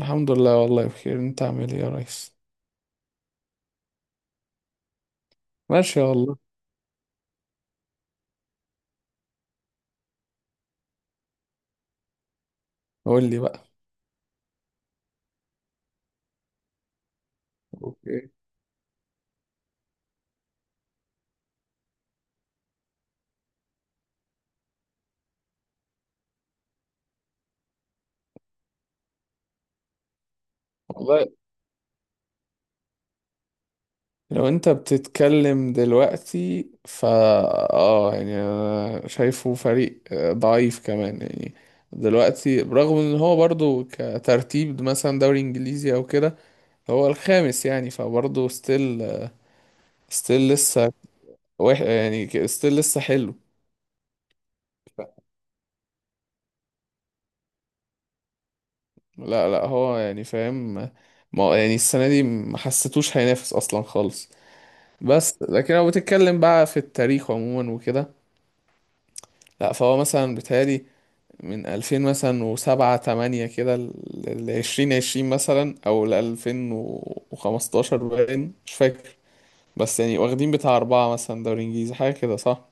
الحمد لله، والله بخير. انت عامل ايه يا ريس؟ ماشي والله. قول لي بقى. اوكي. والله لو انت بتتكلم دلوقتي اه، يعني انا شايفه فريق ضعيف كمان، يعني دلوقتي برغم ان هو برضو كترتيب مثلا دوري انجليزي او كده، هو الخامس يعني، فبرضه ستيل لسه. يعني ستيل لسه حلو. لا لا، هو يعني فاهم. ما يعني السنة دي ما حسيتوش هينافس اصلا خالص. بس لكن لو بتتكلم بقى في التاريخ عموما وكده، لا فهو مثلا بيتهيألي من 2000 مثلا وسبعة تمانية كده ل 2020 مثلا أو ل 2015، باين مش فاكر، بس يعني واخدين بتاع أربعة مثلا دوري إنجليزي حاجة كده، صح؟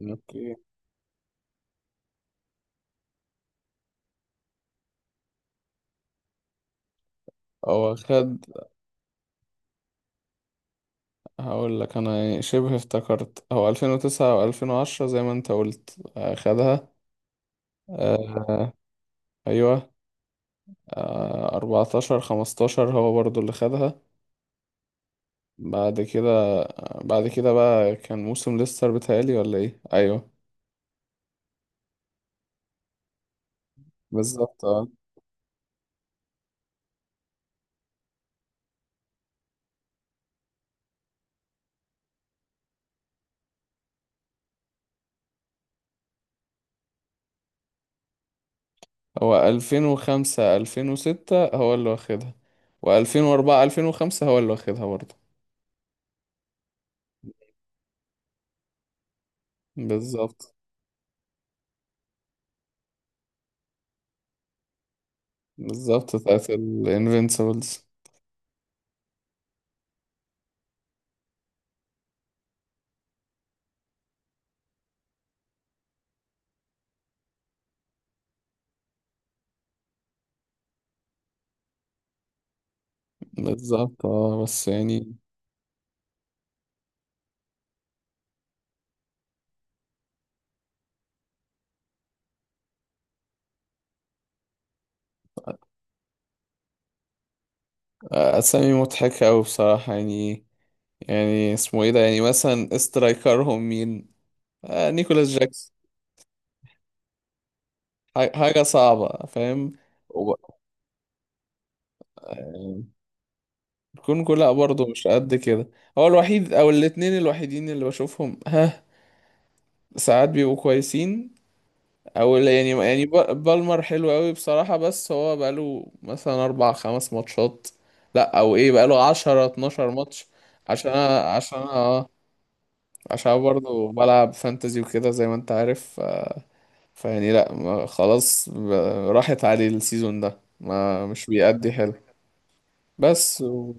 اوكي. هو خد... هقول لك أنا، يعني شبه افتكرت هو 2009 و 2010 زي ما أنت قلت، خدها. آه، أيوه. آه 14-15 هو برضو اللي خدها بعد كده. بعد كده بقى كان موسم ليستر، بيتهيألي، ولا ايه، ايوه. بالظبط اه. هو 2005 2006 هو اللي واخدها، و2004 2005 هو اللي واخدها برضه. بالظبط. بالظبط بتاعت الانفينسيبلز. بالظبط اه، بس يعني اسامي مضحكة أوي بصراحة يعني. يعني اسمه ايه ده، يعني مثلا استرايكرهم مين؟ آه، نيكولاس جاكسون. حاجة صعبة، فاهم. بيكون كل لا برضه مش قد كده. هو الوحيد او الاتنين الوحيدين اللي بشوفهم، ها، ساعات بيبقوا كويسين. او لا، يعني بالمر حلو قوي بصراحة، بس هو بقاله مثلا اربع خمس ماتشات. لا او ايه، بقاله عشرة اتناشر ماتش. عشان أنا- اه، عشان برضه بلعب فانتزي وكده زي ما انت عارف، فيعني لا خلاص راحت عليه السيزون ده، ما مش بيأدي حلو. بس و...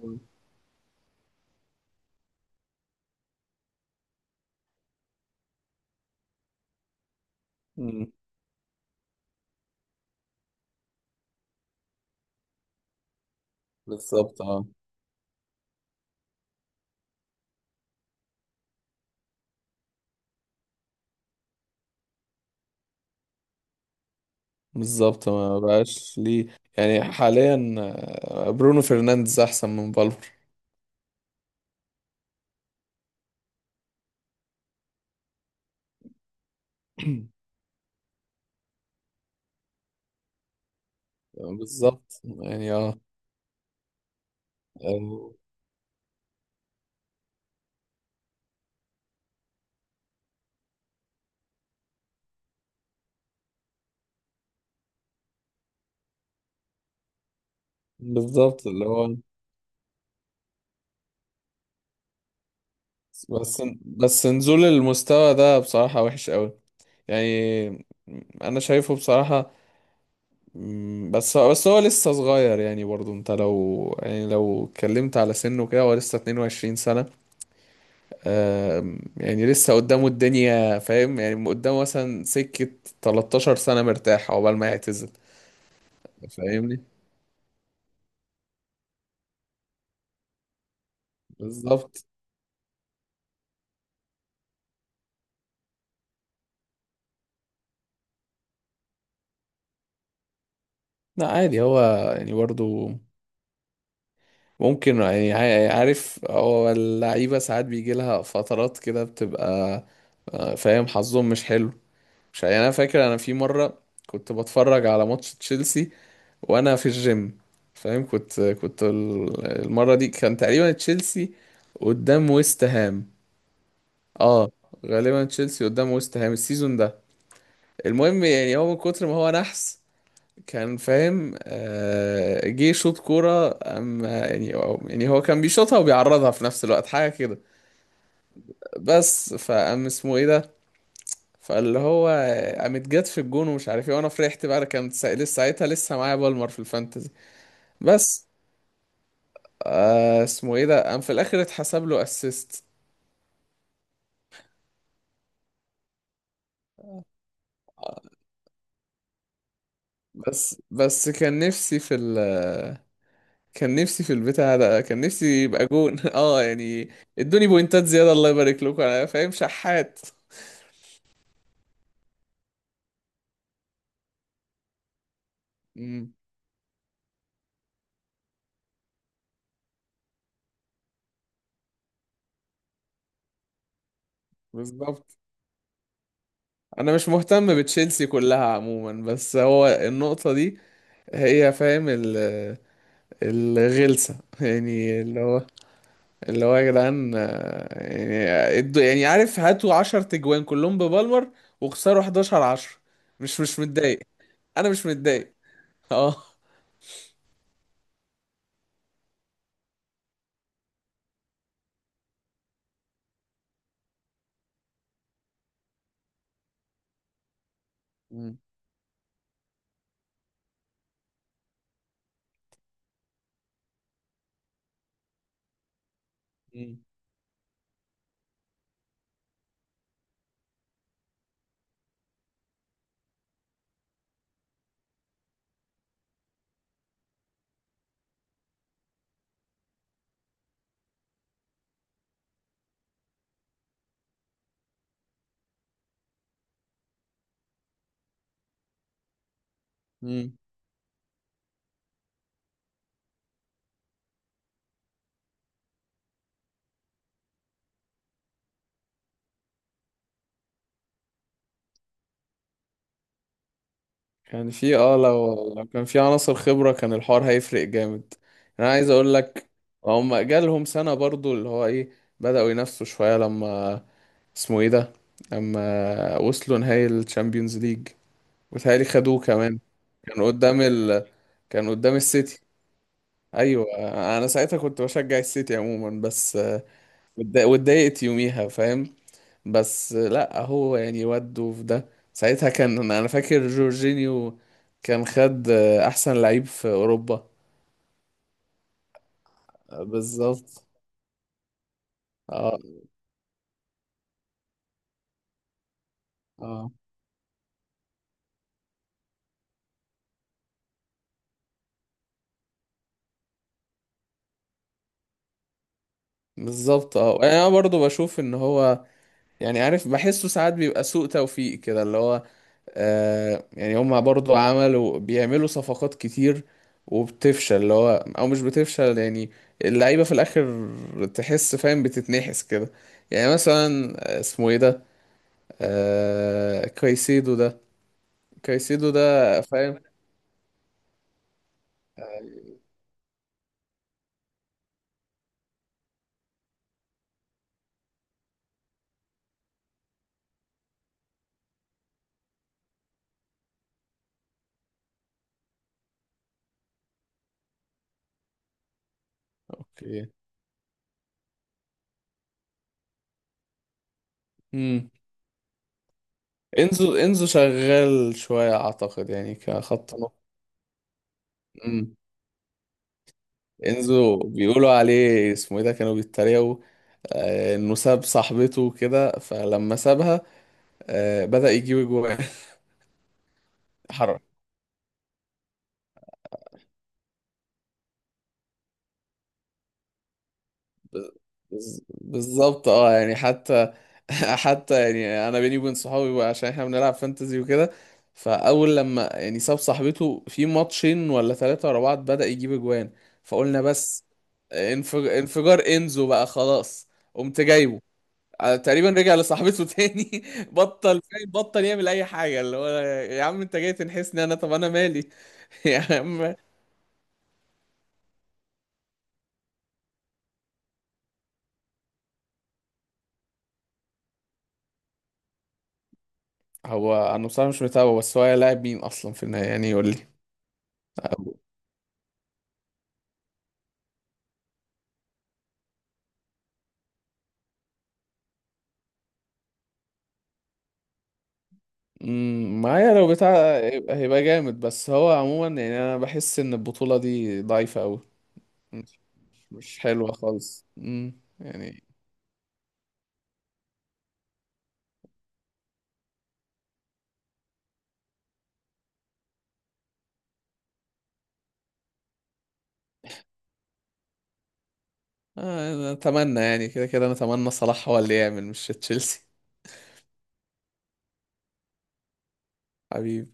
مم، بالظبط اه. بالظبط، ما بقاش ليه. يعني حاليا برونو فرنانديز احسن من فالفر. بالظبط يعني اه. آه، بالظبط اللي هو بس نزول المستوى ده بصراحة وحش قوي يعني. انا شايفه بصراحة. بس هو لسه صغير يعني، برضو انت لو لو اتكلمت على سنه كده، هو لسه 22 سنة. يعني لسه قدامه الدنيا، فاهم، يعني قدامه مثلا سكة 13 سنة مرتاح عقبال ما يعتزل. فاهمني. بالظبط. لا عادي هو يعني برضو ممكن يعني عارف، هو اللعيبة ساعات بيجي لها فترات كده بتبقى فاهم، حظهم مش حلو. مش يعني، أنا فاكر أنا في مرة كنت بتفرج على ماتش تشيلسي وأنا في الجيم، فاهم. كنت المرة دي كان تقريبا تشيلسي قدام ويست هام. اه، غالبا تشيلسي قدام ويست هام السيزون ده. المهم يعني، هو من كتر ما هو نحس كان، فاهم، جه شوط كورة، أما يعني يعني هو كان بيشوطها وبيعرضها في نفس الوقت، حاجة كده. بس فقام اسمه ايه ده، فاللي هو، قامت جت في الجون ومش عارف ايه، وانا فرحت بقى، انا كانت لسه ساعتها لسه معايا بالمر في الفانتزي. بس آه، اسمه ايه ده، قام في الاخر اتحسب له اسيست. بس كان نفسي في ال... كان نفسي في البتاع ده، كان نفسي يبقى جون اه يعني، ادوني بوينتات زيادة، الله يبارك لكم، انا فاهم شحات. امم. بالظبط. انا مش مهتم بتشيلسي كلها عموما، بس هو النقطة دي، هي، فاهم، ال الغلسة يعني، اللي هو، يا جدعان يعني يعني عارف، هاتوا 10 تجوان كلهم ببالمر، وخسروا 11-10، مش متضايق. انا مش متضايق. اه. امم. كان في اه، لو كان في عناصر خبرة، كان الحوار هيفرق جامد. انا عايز اقول لك، هم جالهم سنة برضو، اللي هو ايه، بدأوا ينافسوا شوية لما... اسمه ايه ده... لما وصلوا نهائي الشامبيونز ليج وتهيألي خدوه كمان، كان قدام ال... كان قدام السيتي. ايوه. انا ساعتها كنت بشجع السيتي عموما، بس واتضايقت يوميها، فاهم. بس لا هو يعني وده في ده ساعتها كان، انا فاكر جورجينيو كان خد احسن لعيب في اوروبا. بالظبط اه. اه بالظبط اه، يعني انا برضو بشوف ان هو، يعني عارف، بحسه ساعات بيبقى سوء توفيق كده، اللي هو آه، يعني هما برضو عملوا، بيعملوا صفقات كتير وبتفشل، اللي هو او مش بتفشل يعني، اللعيبة في الاخر، تحس، فاهم، بتتنحس كده. يعني مثلا اسمه ايه ده، آه... كايسيدو ده كايسيدو ده. فاهم. اوكي. امم. انزو شغال شوية اعتقد يعني، كخط نص. امم. انزو، بيقولوا عليه اسمه ايه ده، كانوا بيتريقوا انه ساب صاحبته كده، فلما سابها بدأ يجيب جوان. بالظبط اه، يعني حتى. حتى يعني انا بيني وبين صحابي بقى، عشان احنا بنلعب فانتزي وكده، فاول لما يعني ساب صاحبته في ماتشين ولا ثلاثة ورا بعض، بدأ يجيب اجوان. فقلنا بس، انفجار انزو بقى خلاص، قمت جايبه. تقريبا رجع لصاحبته تاني، بطل، فاهم، بطل يعمل اي حاجة، اللي هو يا عم انت جاي تنحسني انا، طب انا مالي! يا عم. هو انا بصراحة مش متابعه، بس هو لاعب مين اصلا في النهاية، يعني يقول لي. معايا لو بتاع هيبقى جامد، بس هو عموما يعني انا بحس ان البطولة دي ضعيفة قوي. مش مش حلوة خالص. يعني انا اتمنى يعني كده كده انا اتمنى صلاح هو اللي يعمل مش تشيلسي. حبيبي.